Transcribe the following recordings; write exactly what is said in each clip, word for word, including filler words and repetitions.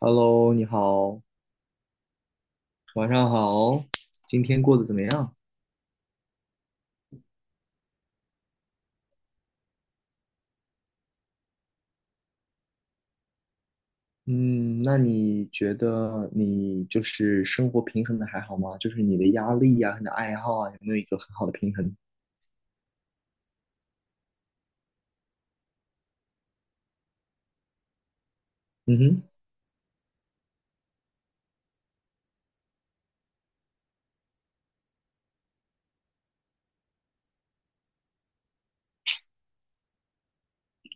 Hello，你好，晚上好，今天过得怎么样？嗯，那你觉得你就是生活平衡的还好吗？就是你的压力呀、你的爱好啊，有没有一个很好的平衡？嗯哼，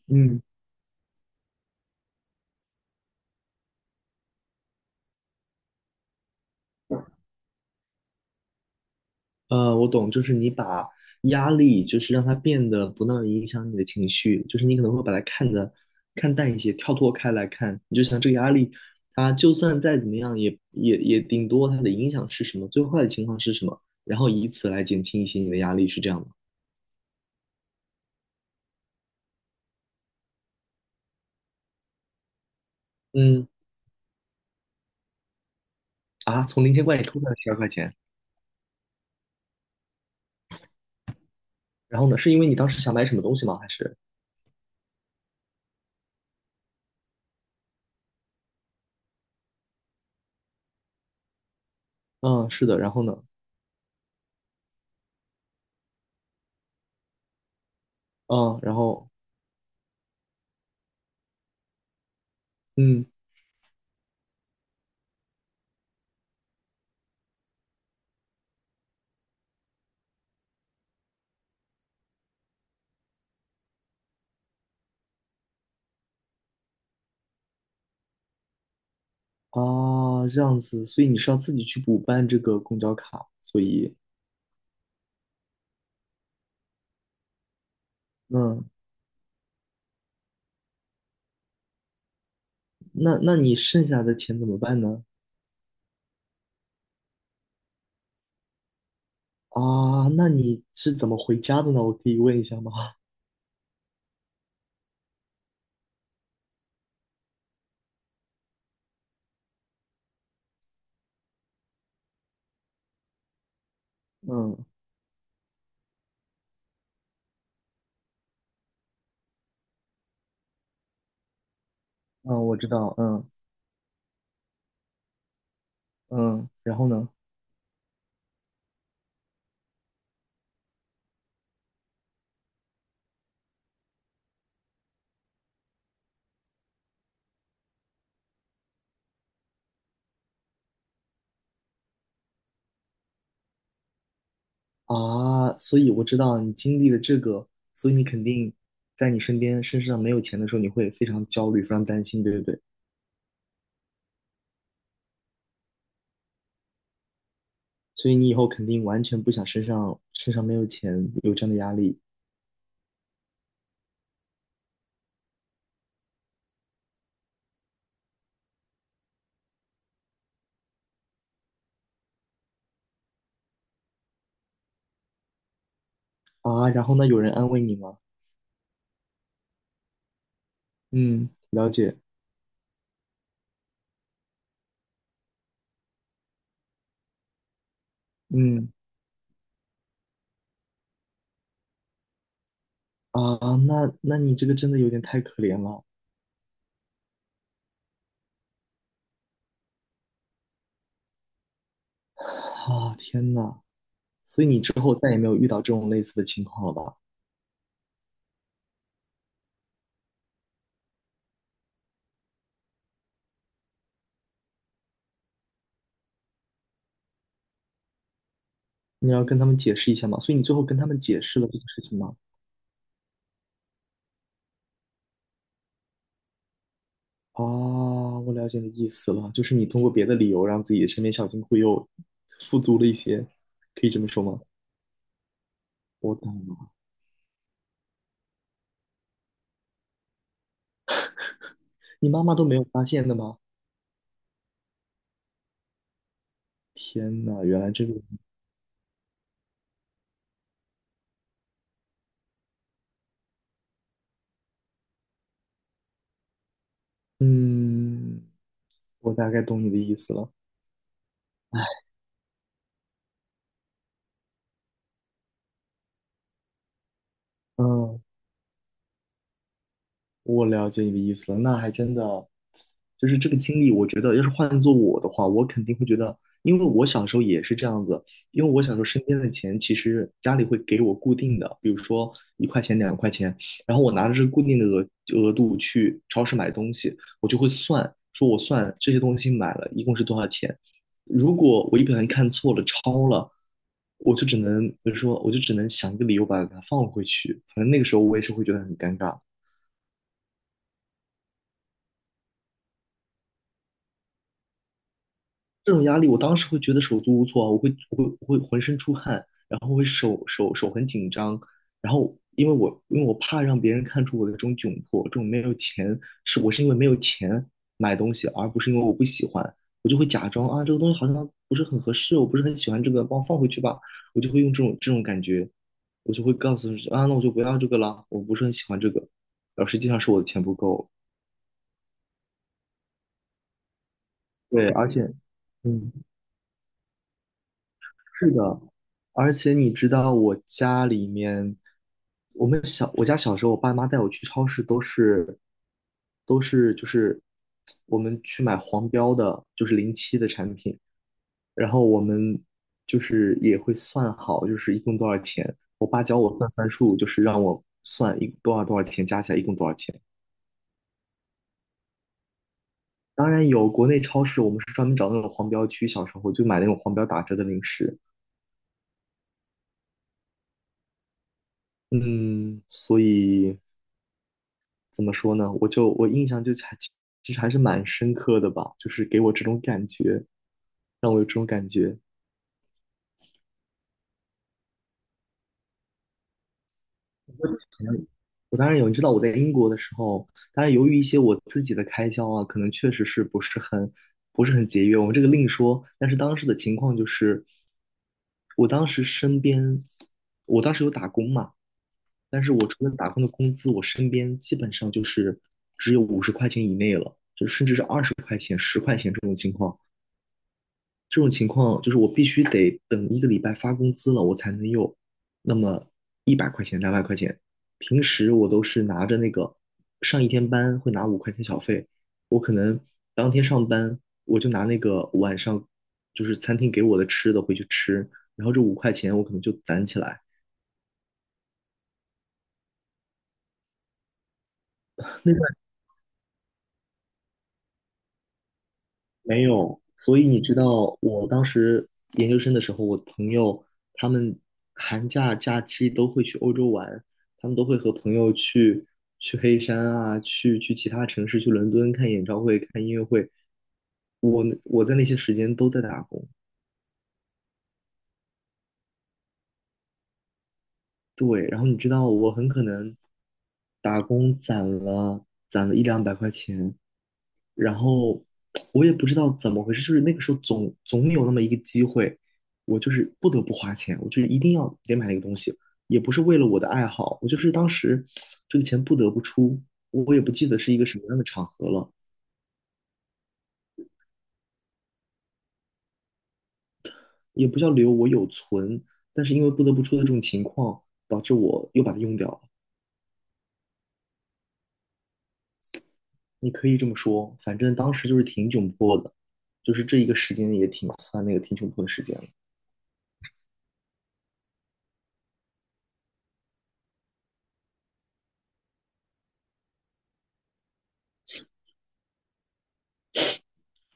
嗯。呃，我懂，就是你把压力，就是让它变得不那么影响你的情绪，就是你可能会把它看得看淡一些，跳脱开来看，你就想这个压力，它就算再怎么样也，也也顶多它的影响是什么，最坏的情况是什么，然后以此来减轻一些你的压力，是这样吗？嗯，啊，从零钱罐里偷出来十二块钱，然后呢，是因为你当时想买什么东西吗？还是？嗯，是的，然后呢？嗯，然后嗯啊，这样子，所以你是要自己去补办这个公交卡，所以。嗯，那那你剩下的钱怎么办呢？啊，那你是怎么回家的呢？我可以问一下吗？嗯嗯，我知道，嗯嗯，然后呢？啊，所以我知道你经历了这个，所以你肯定在你身边身上没有钱的时候，你会非常焦虑，非常担心，对不对？所以你以后肯定完全不想身上身上没有钱有这样的压力啊。然后呢，有人安慰你吗？嗯，了解，嗯啊，那那你这个真的有点太可怜了。啊，天呐，所以你之后再也没有遇到这种类似的情况了吧？你要跟他们解释一下吗？所以你最后跟他们解释了这个事情吗？啊，我了解你的意思了，就是你通过别的理由让自己的身边小金库又富足了一些，可以这么说吗？我懂了，你妈妈都没有发现的吗？天呐，原来这个，嗯，我大概懂你的意思了。嗯，我了解你的意思了，那还真的，就是这个经历，我觉得要是换做我的话，我肯定会觉得，因为我小时候也是这样子，因为我小时候身边的钱其实家里会给我固定的，比如说一块钱、两块钱，然后我拿着这个固定的额额度去超市买东西，我就会算，说我算这些东西买了一共是多少钱，如果我一不小心看错了、超了。我就只能，比如说，我就只能想一个理由把它放回去。反正那个时候我也是会觉得很尴尬。这种压力，我当时会觉得手足无措啊我会我会我会浑身出汗，然后会手手手很紧张，然后因为我因为我怕让别人看出我的这种窘迫，这种没有钱，是我是因为没有钱买东西，而不是因为我不喜欢，我就会假装啊这个东西好像不是很合适，我不是很喜欢这个，帮我放回去吧，我就会用这种这种感觉，我就会告诉自己啊那我就不要这个了，我不是很喜欢这个，然后实际上是我的钱不够，对，而且。嗯。是的，而且你知道，我家里面，我们小，我家小时候，我爸妈带我去超市都是，都是就是我们去买黄标的，就是零七的产品，然后我们就是也会算好，就是一共多少钱。我爸教我算算数，就是让我算一多少多少钱，加起来一共多少钱。当然有国内超市，我们是专门找那种黄标区，小时候就买那种黄标打折的零食。嗯，所以怎么说呢？我就我印象就还其实还是蛮深刻的吧，就是给我这种感觉，让我有这种感觉。我以前我当然有，你知道我在英国的时候，当然由于一些我自己的开销啊，可能确实是不是很不是很节约，我们这个另说。但是当时的情况就是，我当时身边，我当时有打工嘛，但是我除了打工的工资，我身边基本上就是只有五十块钱以内了，就甚至是二十块钱、十块钱这种情况。这种情况就是我必须得等一个礼拜发工资了，我才能有那么一百块钱、两百块钱。平时我都是拿着那个上一天班会拿五块钱小费，我可能当天上班我就拿那个晚上就是餐厅给我的吃的回去吃，然后这五块钱我可能就攒起来。那没有，所以你知道，我当时研究生的时候，我朋友他们寒假假期都会去欧洲玩，他们都会和朋友去去黑山啊，去去其他城市，去伦敦看演唱会、看音乐会。我我在那些时间都在打工，对，然后你知道，我很可能打工攒了攒了一两百块钱，然后我也不知道怎么回事，就是那个时候总总有那么一个机会，我就是不得不花钱，我就是一定要得买那个东西，也不是为了我的爱好，我就是当时这个钱不得不出，我也不记得是一个什么样的场合了，也不叫留，我有存，但是因为不得不出的这种情况，导致我又把它用掉了，你可以这么说，反正当时就是挺窘迫的，就是这一个时间也挺算那个挺窘迫的时间了。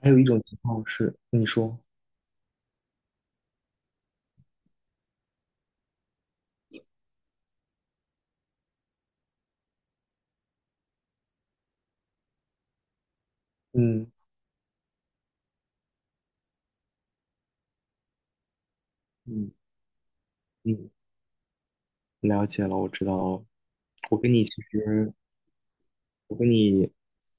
还有一种情况是，你说，嗯嗯嗯。了解了，我知道了。我跟你其实，我跟你，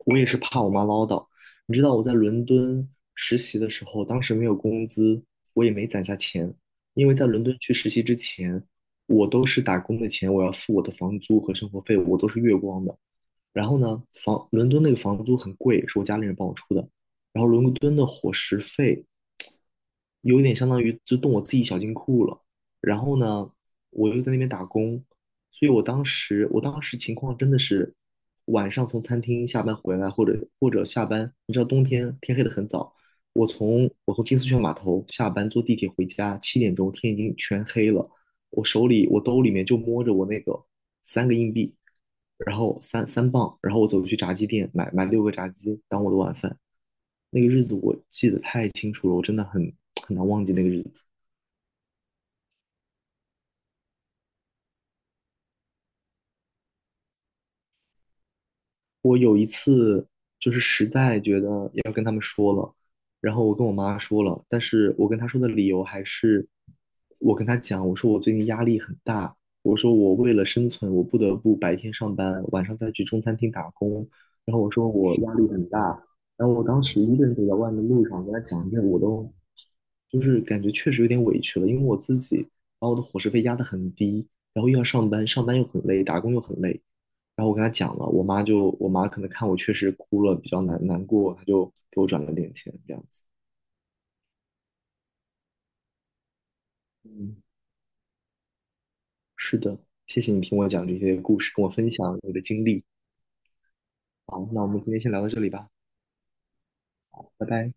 我也是怕我妈唠叨。你知道我在伦敦实习的时候，当时没有工资，我也没攒下钱，因为在伦敦去实习之前，我都是打工的钱，我要付我的房租和生活费，我都是月光的。然后呢，房伦敦那个房租很贵，是我家里人帮我出的。然后伦敦的伙食费有点相当于就动我自己小金库了。然后呢，我又在那边打工，所以我当时我当时情况真的是晚上从餐厅下班回来，或者或者下班，你知道冬天天黑的很早，我从我从金丝雀码头下班坐地铁回家，七点钟天已经全黑了，我手里我兜里面就摸着我那个三个硬币，然后三三磅，然后我走去炸鸡店买买六个炸鸡当我的晚饭。那个日子我记得太清楚了，我真的很很难忘记那个日子。然后我跟我妈说了，但是我跟她说的理由还是，我跟她讲，我说我最近压力很大，我说我为了生存，我不得不白天上班，晚上再去中餐厅打工，然后我说我压力很大，然后我当时一个人走在外面路上，跟她讲这个，我都就是感觉确实有点委屈了，因为我自己把我的伙食费压得很低，然后又要上班，上班又很累，打工又很累。然后我跟她讲了，我妈就我妈可能看我确实哭了，比较难难过，她就给我转了点钱，这样子。嗯，是的，谢谢你听我讲这些故事，跟我分享你的经历。好，那我们今天先聊到这里吧，拜拜。